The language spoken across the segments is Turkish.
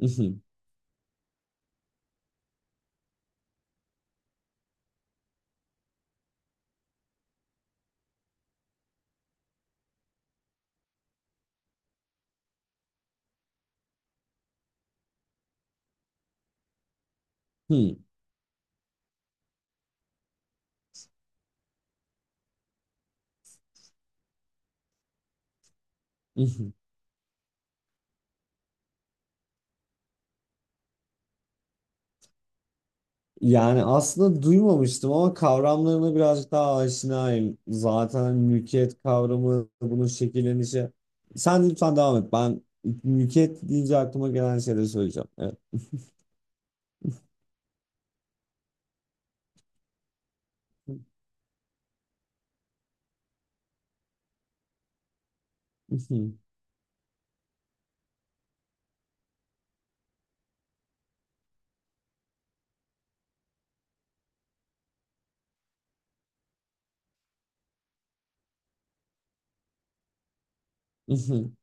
Mhm, hı, mhm. Yani aslında duymamıştım ama kavramlarına birazcık daha aşinayım. Zaten mülkiyet kavramı, bunun şekillenişi. Sen lütfen devam et. Ben mülkiyet deyince aklıma gelen şeyleri söyleyeceğim. Evet. Mhm, mhm.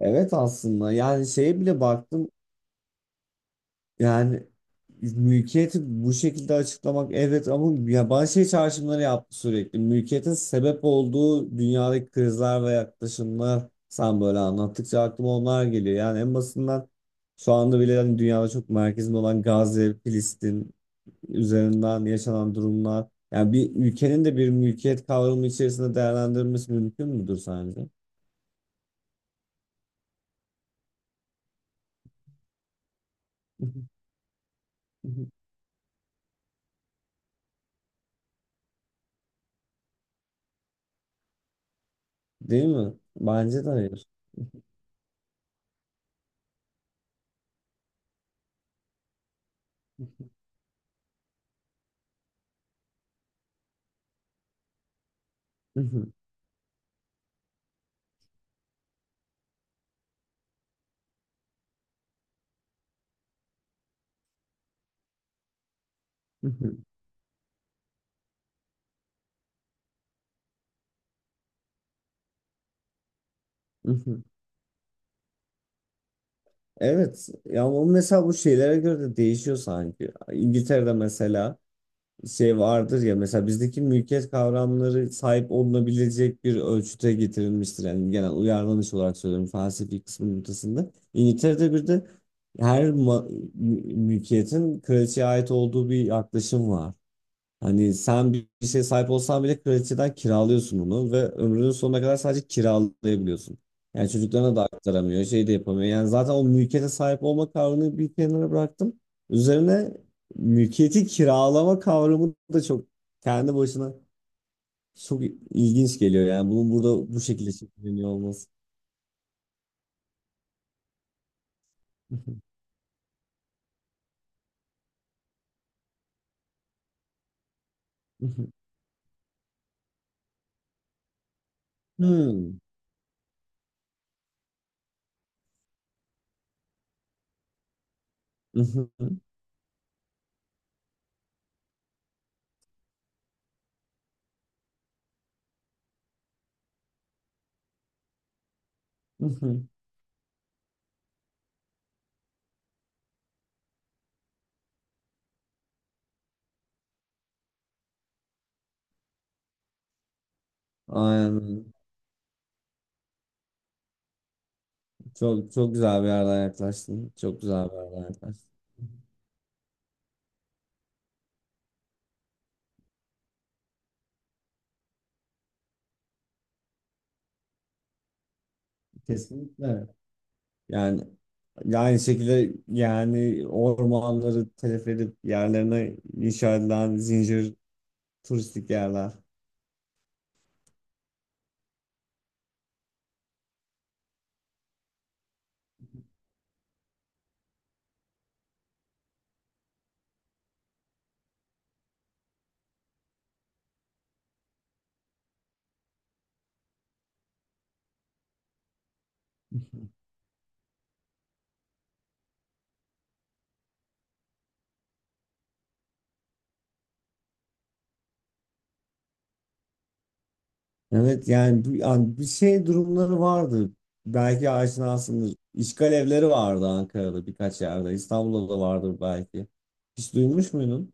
Evet aslında yani şeye bile baktım. Yani mülkiyeti bu şekilde açıklamak evet ama ya bana şey çağrışımları yaptı sürekli. Mülkiyetin sebep olduğu dünyadaki krizler ve yaklaşımlar, sen böyle anlattıkça aklıma onlar geliyor. Yani en basından şu anda bile hani dünyada çok merkezinde olan Gazze, Filistin üzerinden yaşanan durumlar. Yani bir ülkenin de bir mülkiyet kavramı içerisinde değerlendirilmesi mümkün müdür sence? Değil mi? Bence de hayır. Evet ya, o mesela bu şeylere göre de değişiyor sanki. İngiltere'de mesela şey vardır ya, mesela bizdeki mülkiyet kavramları sahip olunabilecek bir ölçüte getirilmiştir. Yani genel uyarlanış olarak söylüyorum, felsefi kısmın ortasında. İngiltere'de bir de her mülkiyetin kraliçeye ait olduğu bir yaklaşım var. Hani sen bir şeye sahip olsan bile kraliçeden kiralıyorsun onu ve ömrünün sonuna kadar sadece kiralayabiliyorsun. Yani çocuklarına da aktaramıyor, şey de yapamıyor. Yani zaten o mülkiyete sahip olma kavramını bir kenara bıraktım. Üzerine mülkiyeti kiralama kavramı da çok kendi başına çok ilginç geliyor. Yani bunun burada bu şekilde şekilleniyor olması. Hmm. Aynen. Çok çok güzel bir yerden yaklaştın. Çok güzel bir yerden yaklaştın. Kesinlikle. Yani aynı şekilde yani ormanları telef edip yerlerine inşa edilen zincir turistik yerler. Evet yani, yani bir şey durumları vardı. Belki aşinasındır. İşgal evleri vardı Ankara'da birkaç yerde. İstanbul'da da vardır belki. Hiç duymuş muydun?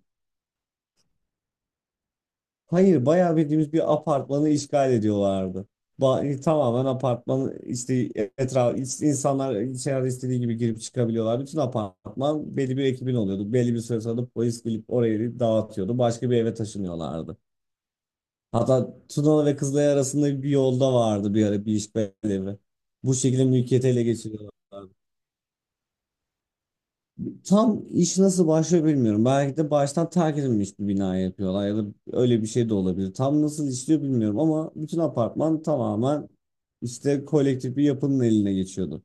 Hayır, bayağı bildiğimiz bir apartmanı işgal ediyorlardı. Tamamen apartman işte, etraf işte, insanlar içeride istediği gibi girip çıkabiliyorlar. Bütün apartman belli bir ekibin oluyordu. Belli bir süre sonra da polis gelip orayı dağıtıyordu. Başka bir eve taşınıyorlardı. Hatta Tunalı ve Kızılay arasında bir yolda vardı bir ara bir işgal evi. Bu şekilde mülkiyeti ele geçiriyorlardı. Tam iş nasıl başlıyor bilmiyorum. Belki de baştan terk edilmiş bir bina yapıyorlar ya da öyle bir şey de olabilir. Tam nasıl işliyor bilmiyorum ama bütün apartman tamamen işte kolektif bir yapının eline geçiyordu.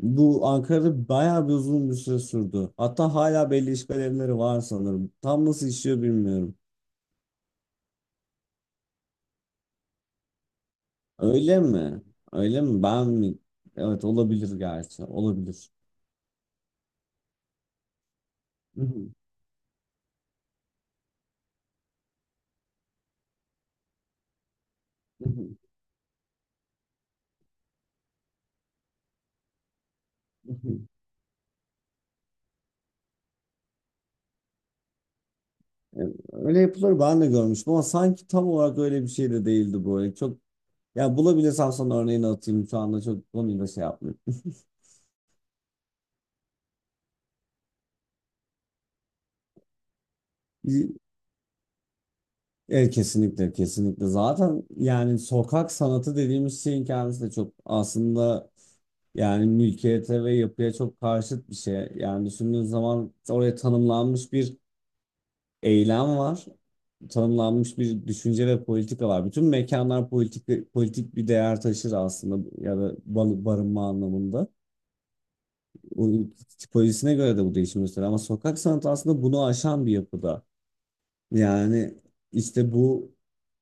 Bu Ankara'da bayağı bir uzun bir süre sürdü. Hatta hala belli işgal evleri var sanırım. Tam nasıl işliyor bilmiyorum. Öyle mi? Öyle mi? Ben mi? Evet, olabilir gerçi. Olabilir. Öyle yapılır, ben de görmüştüm ama sanki tam olarak öyle bir şey de değildi böyle. Çok. Ya bulabilirsem sana örneğini atayım. Şu anda çok konuyla şey yapmıyorum. Evet, kesinlikle kesinlikle. Zaten yani sokak sanatı dediğimiz şeyin kendisi de çok aslında yani mülkiyete ve yapıya çok karşıt bir şey. Yani düşündüğün zaman oraya tanımlanmış bir eylem var. Tanımlanmış bir düşünce ve politika var. Bütün mekanlar politik, politik bir değer taşır aslında, ya da barınma anlamında. O tipolojisine göre de bu değişim gösteriyor. Ama sokak sanatı aslında bunu aşan bir yapıda. Yani işte bu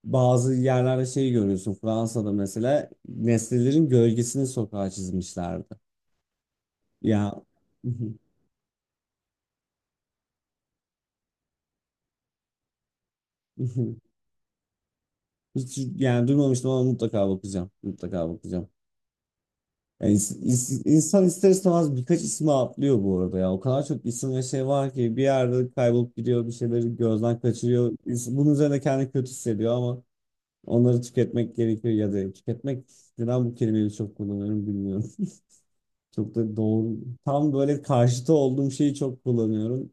bazı yerlerde şey görüyorsun. Fransa'da mesela nesnelerin gölgesini sokağa çizmişlerdi. Ya, hiç yani duymamıştım ama mutlaka bakacağım. Mutlaka bakacağım. Yani insan ister istemez birkaç ismi atlıyor bu arada ya. O kadar çok isim ve şey var ki bir yerde kaybolup gidiyor, bir şeyleri gözden kaçırıyor. Bunun üzerine kendi kötü hissediyor ama onları tüketmek gerekiyor ya da tüketmek, neden bu kelimeyi çok kullanıyorum bilmiyorum. Çok da doğru. Tam böyle karşıtı olduğum şeyi çok kullanıyorum.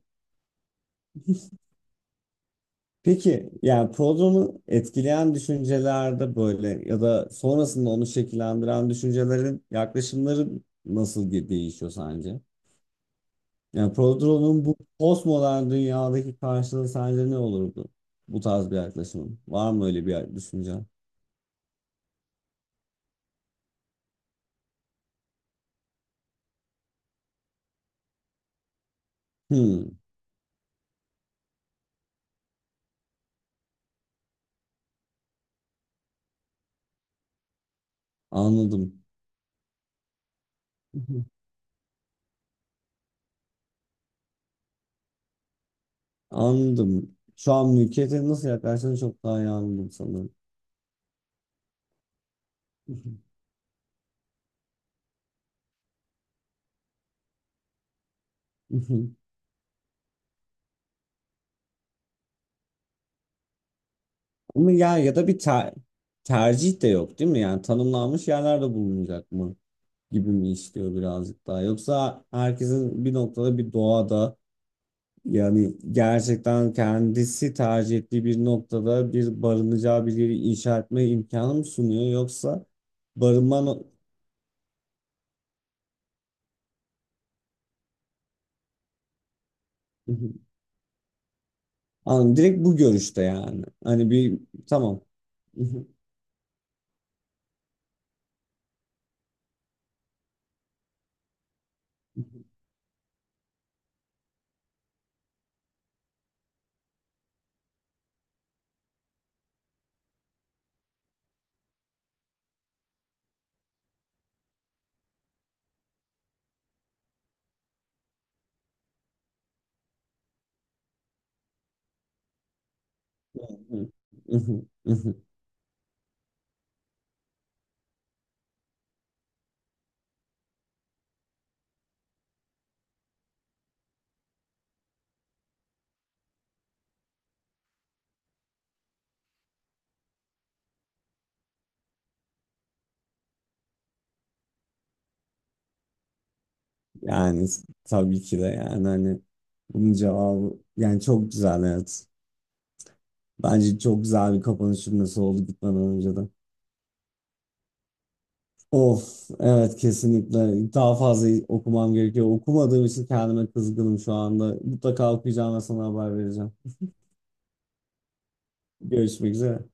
Peki yani programı etkileyen düşüncelerde böyle ya da sonrasında onu şekillendiren düşüncelerin yaklaşımları nasıl değişiyor sence? Yani programın bu postmodern dünyadaki karşılığı sence ne olurdu? Bu tarz bir yaklaşımın. Var mı öyle bir düşünce? Hmm, anladım. Anladım. Şu an mülkiyete nasıl yaklaştığını çok daha iyi anladım sanırım. Ama ya ya da bir tercih de yok değil mi? Yani tanımlanmış yerlerde bulunacak mı gibi mi istiyor birazcık daha? Yoksa herkesin bir noktada bir doğada yani gerçekten kendisi tercih ettiği bir noktada bir barınacağı bir yeri inşa etme imkanı mı sunuyor? Yoksa barınma Anladım, direkt bu görüşte yani. Hani bir, tamam. Yani tabii ki de yani hani bunun cevabı yani çok güzel, evet. Bence çok güzel bir kapanış cümlesi oldu gitmeden önce de. Of, evet, kesinlikle daha fazla okumam gerekiyor. Okumadığım için kendime kızgınım şu anda. Mutlaka okuyacağım ve sana haber vereceğim. Görüşmek üzere.